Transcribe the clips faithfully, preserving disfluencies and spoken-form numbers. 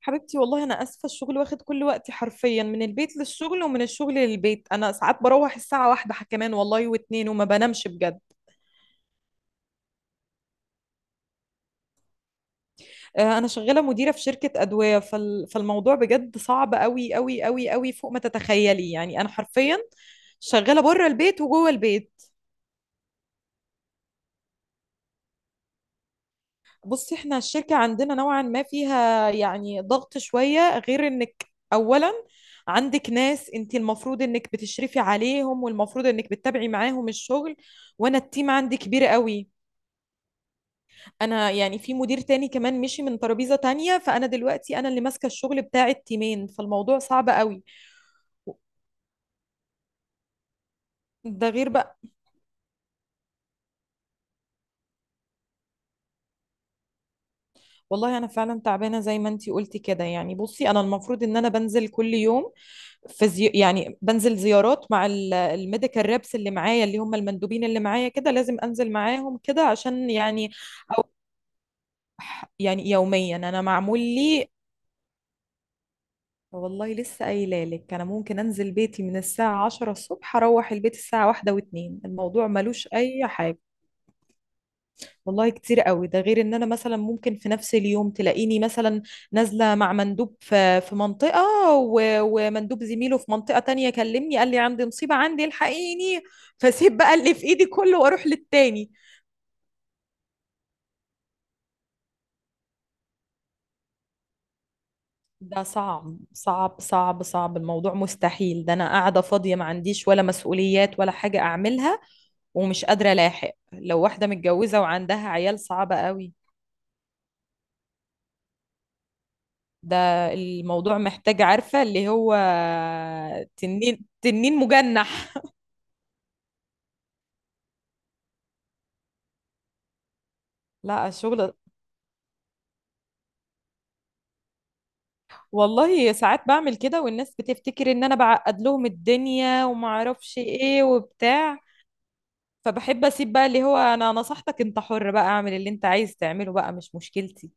حبيبتي، والله انا اسفه. الشغل واخد كل وقتي حرفيا، من البيت للشغل ومن الشغل للبيت. انا ساعات بروح الساعه واحدة كمان والله واتنين، وما بنامش بجد. آه، انا شغاله مديره في شركه ادويه. فال... فالموضوع بجد صعب قوي قوي قوي قوي، فوق ما تتخيلي. يعني انا حرفيا شغاله بره البيت وجوه البيت. بصي، احنا الشركة عندنا نوعا ما فيها يعني ضغط شوية، غير انك اولا عندك ناس انت المفروض انك بتشرفي عليهم والمفروض انك بتتابعي معاهم الشغل. وانا التيم عندي كبير قوي. انا يعني في مدير تاني كمان مشي من ترابيزة تانية، فانا دلوقتي انا اللي ماسكة الشغل بتاع التيمين، فالموضوع صعب قوي. ده غير بقى. والله انا فعلا تعبانه زي ما انتي قلتي كده. يعني بصي، انا المفروض ان انا بنزل كل يوم فيزيو. يعني بنزل زيارات مع ال- الميديكال ريبس اللي معايا، اللي هم المندوبين اللي معايا، كده لازم انزل معاهم كده عشان يعني. او يعني يوميا انا معمول لي. والله لسه قايله لك، انا ممكن انزل بيتي من الساعه عشرة الصبح، اروح البيت الساعه واحدة و2. الموضوع ملوش اي حاجه. والله كتير قوي. ده غير ان انا مثلا ممكن في نفس اليوم تلاقيني مثلا نازله مع مندوب في في منطقه و- ومندوب زميله في منطقه تانية كلمني قال لي عندي مصيبه، عندي الحقيني، فسيب بقى اللي في ايدي كله واروح للتاني. ده صعب صعب صعب صعب. الموضوع مستحيل. ده انا قاعده فاضيه ما عنديش ولا مسؤوليات ولا حاجه اعملها، ومش قادره الاحق. لو واحده متجوزه وعندها عيال، صعبه قوي. ده الموضوع محتاج، عارفة اللي هو، تنين تنين مجنح. لا الشغل، والله ساعات بعمل كده والناس بتفتكر ان انا بعقد لهم الدنيا وما اعرفش ايه وبتاع. فبحب اسيب بقى اللي هو، انا نصحتك، انت حر بقى، اعمل اللي انت عايز تعمله بقى، مش مشكلتي.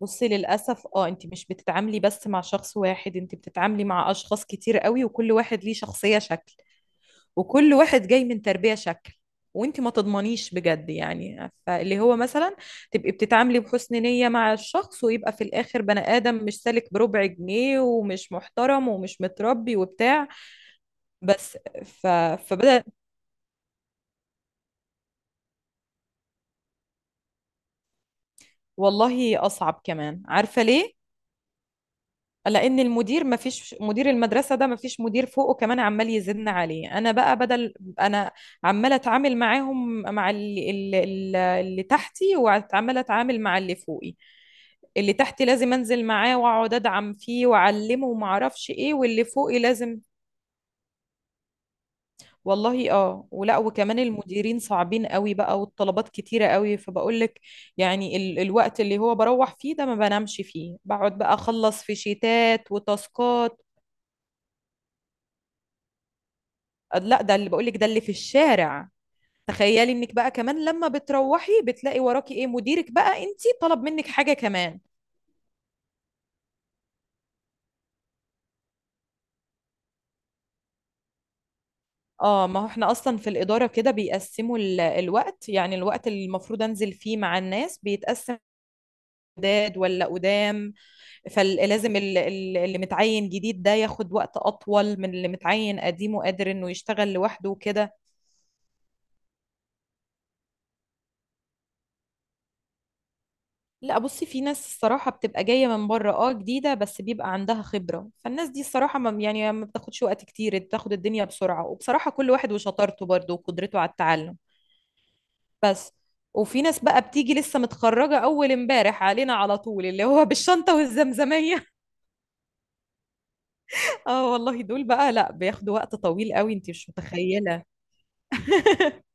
بصي للاسف اه، انت مش بتتعاملي بس مع شخص واحد، انت بتتعاملي مع اشخاص كتير قوي، وكل واحد ليه شخصية شكل، وكل واحد جاي من تربية شكل. وانت ما تضمنيش بجد، يعني فاللي هو مثلا تبقي بتتعاملي بحسن نية مع الشخص ويبقى في الآخر بني آدم مش سالك بربع جنيه ومش محترم ومش متربي وبتاع. بس. ف... فبدأ. والله أصعب، كمان عارفة ليه؟ لان المدير، ما فيش مدير، المدرسه ده ما فيش مدير فوقه كمان عمال يزن عليه. انا بقى بدل انا عماله اتعامل معاهم، مع اللي, اللي, اللي تحتي، وعماله اتعامل مع اللي فوقي. اللي تحتي لازم انزل معاه واقعد ادعم فيه واعلمه وما اعرفش ايه، واللي فوقي لازم. والله اه، ولا وكمان المديرين صعبين قوي بقى، والطلبات كتيرة قوي، فبقول لك يعني ال الوقت اللي هو بروح فيه ده ما بنامش فيه، بقعد بقى اخلص في شيتات وتاسكات. لا ده اللي بقولك ده اللي في الشارع. تخيلي انك بقى كمان لما بتروحي بتلاقي وراكي ايه، مديرك بقى انتي طلب منك حاجة كمان. اه ما هو احنا اصلا في الإدارة كده بيقسموا ال- الوقت، يعني الوقت اللي المفروض انزل فيه مع الناس بيتقسم جداد ولا قدام. فلازم اللي متعين جديد ده ياخد وقت اطول من اللي متعين قديم وقادر انه يشتغل لوحده وكده. لا بصي، في ناس الصراحة بتبقى جاية من بره اه، جديدة بس بيبقى عندها خبرة، فالناس دي الصراحة ما يعني ما بتاخدش وقت كتير، بتاخد الدنيا بسرعة. وبصراحة كل واحد وشطارته برضه وقدرته على التعلم. بس. وفي ناس بقى بتيجي لسه متخرجة أول امبارح علينا على طول، اللي هو بالشنطة والزمزمية. اه والله دول بقى لا، بياخدوا وقت طويل قوي، انت مش متخيلة.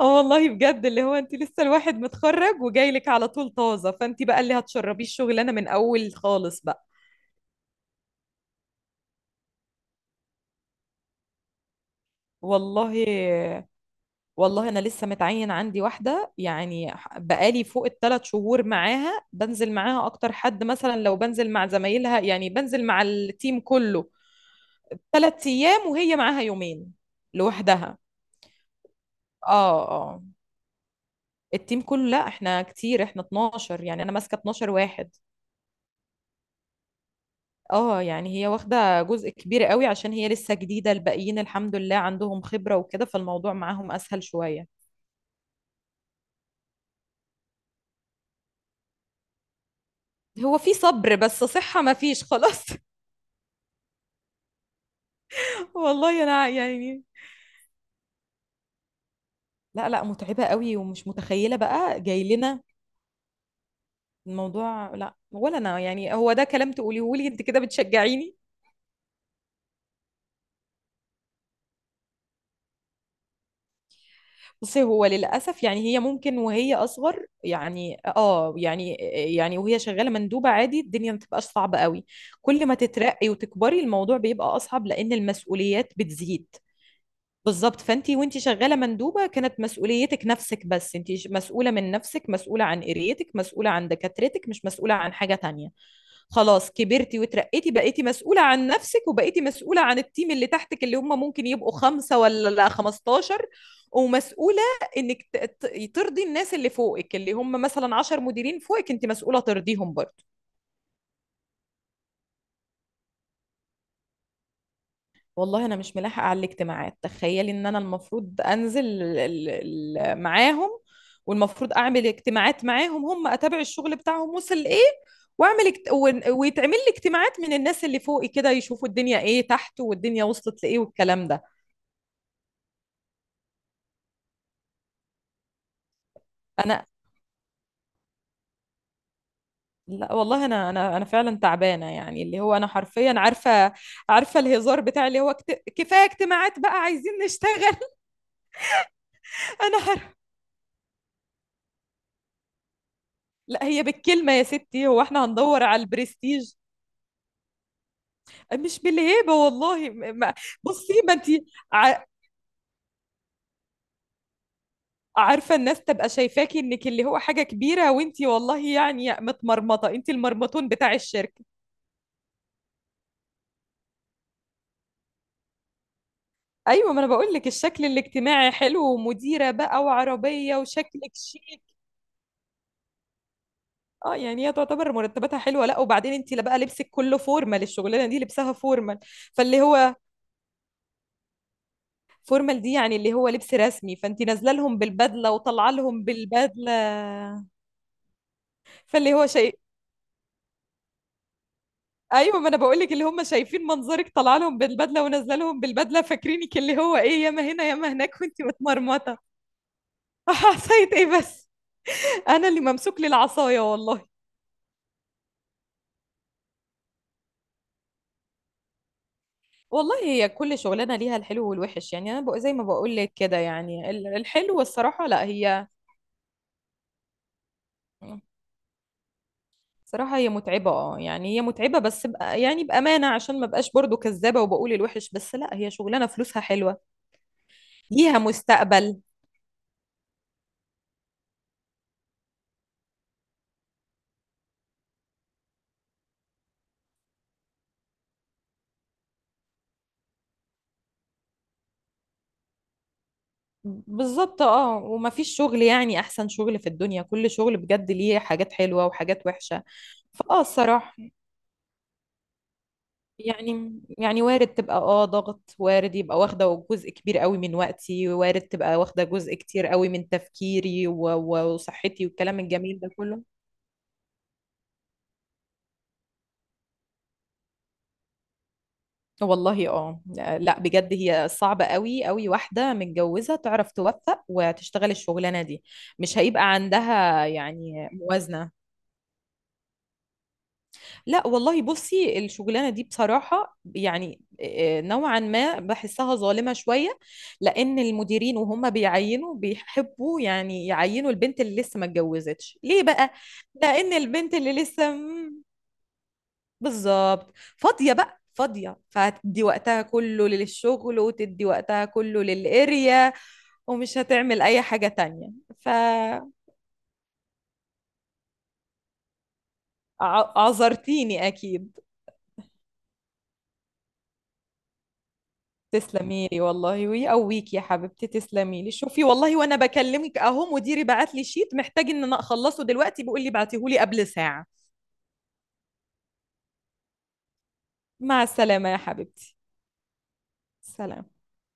اه والله بجد، اللي هو انت لسه الواحد متخرج وجاي لك على طول طازة، فانت بقى اللي هتشربيه الشغلانة من أول خالص بقى. والله. والله انا لسه متعين عندي واحده، يعني ح- بقالي فوق التلات شهور معاها، بنزل معاها اكتر حد، مثلا لو بنزل مع زمايلها يعني بنزل مع التيم كله ثلاث ايام، وهي معاها يومين لوحدها. اه اه. التيم كله لا، احنا كتير، احنا اتناشر، يعني انا ماسكه اتناشر واحد. اه يعني هي واخده جزء كبير قوي عشان هي لسه جديده، الباقيين الحمد لله عندهم خبره وكده، فالموضوع معاهم اسهل شويه. هو في صبر بس صحه ما فيش خلاص. والله انا يعني. لا لا، متعبة قوي ومش متخيلة بقى جاي لنا الموضوع. لا، ولا انا يعني هو ده كلام تقوليه لي انت كده، بتشجعيني. بصي هو للأسف يعني هي ممكن وهي أصغر، يعني اه يعني، يعني وهي شغالة مندوبة عادي الدنيا ما تبقاش صعبة قوي. كل ما تترقي وتكبري الموضوع بيبقى أصعب، لأن المسؤوليات بتزيد. بالظبط. فانت وانت شغاله مندوبه كانت مسؤوليتك نفسك بس، انت ش- مسؤوله من نفسك، مسؤوله عن قريتك، مسؤوله عن دكاترتك، مش مسؤوله عن حاجه تانية. خلاص كبرتي وترقيتي، بقيتي مسؤوله عن نفسك وبقيتي مسؤوله عن التيم اللي تحتك، اللي هم ممكن يبقوا خمسه ولا خمستاشر. ومسؤوله انك ت- ت- ترضي الناس اللي فوقك، اللي هم مثلا عشرة مديرين فوقك، انت مسؤوله ترضيهم برضه. والله انا مش ملاحقه على الاجتماعات. تخيلي ان انا المفروض انزل ال- ال- ال- معاهم، والمفروض اعمل اجتماعات معاهم هم، اتابع الشغل بتاعهم وصل لايه، واعمل اجت... ون- ويتعمل لي اجتماعات من الناس اللي فوقي كده، يشوفوا الدنيا ايه تحت والدنيا وصلت لايه والكلام ده. انا. لا والله انا انا انا فعلا تعبانه، يعني اللي هو انا حرفيا عارفه عارفه الهزار بتاع اللي هو كت... كفايه اجتماعات بقى عايزين نشتغل. انا حر... لا هي بالكلمه يا ستي، هو احنا هندور على البرستيج؟ مش بالهيبه والله. م- ما بصي ما انت عارفه، الناس تبقى شايفاكي انك اللي هو حاجه كبيره، وانت والله يعني متمرمطه، انت المرمطون بتاع الشركه. ايوه، ما انا بقول لك الشكل الاجتماعي حلو، ومديره بقى وعربيه وشكلك شيك. اه يعني هي تعتبر مرتباتها حلوه. لا وبعدين انت، لا بقى لبسك كله فورمال، الشغلانه دي لبسها فورمال. فاللي هو فورمال دي يعني اللي هو لبس رسمي، فانت نازله لهم بالبدله وطالعه لهم بالبدله. فاللي هو شيء، ايوه ما انا بقول لك، اللي هم شايفين منظرك طالعه لهم بالبدله ونازله لهم بالبدله، فاكرينك اللي هو ايه ياما هنا ياما هناك، وانت متمرمطه. عصايه ايه بس، انا اللي ممسوك لي العصايه والله. والله هي كل شغلانه ليها الحلو والوحش. يعني انا بقى زي ما بقول لك كده، يعني ال- الحلو الصراحه. لا هي صراحه هي متعبه اه، يعني هي متعبه بس بقى يعني بامانه، عشان ما بقاش برضو كذابه وبقول الوحش بس، لا هي شغلانه فلوسها حلوه ليها مستقبل. بالظبط اه، ومفيش شغل يعني احسن شغل في الدنيا، كل شغل بجد ليه حاجات حلوة وحاجات وحشة. فاه الصراحة يعني، يعني وارد تبقى اه ضغط، وارد يبقى واخدة جزء كبير قوي من وقتي، وارد تبقى واخدة جزء كتير قوي من تفكيري و- و- وصحتي والكلام الجميل ده كله. والله اه، لا بجد هي صعبة قوي قوي، واحدة متجوزة تعرف توفق وتشتغل الشغلانة دي. مش هيبقى عندها يعني موازنة. لا والله، بصي الشغلانه دي بصراحه يعني آه، نوعا ما بحسها ظالمه شويه، لان المديرين وهم بيعينوا بيحبوا يعني يعينوا البنت اللي لسه ما اتجوزتش. ليه بقى؟ لان البنت اللي لسه مم، بالظبط فاضيه بقى، فاضيه فهتدي وقتها كله للشغل وتدي وقتها كله للقريه. ومش هتعمل اي حاجه تانية. فعذرتيني اكيد. تسلمي لي والله ويقويك يا حبيبتي. تسلمي لي. شوفي، والله وانا بكلمك اهو مديري بعت لي شيت محتاج ان انا اخلصه دلوقتي، بيقول لي بعتيه لي قبل ساعة. مع السلامة يا حبيبتي. سلام.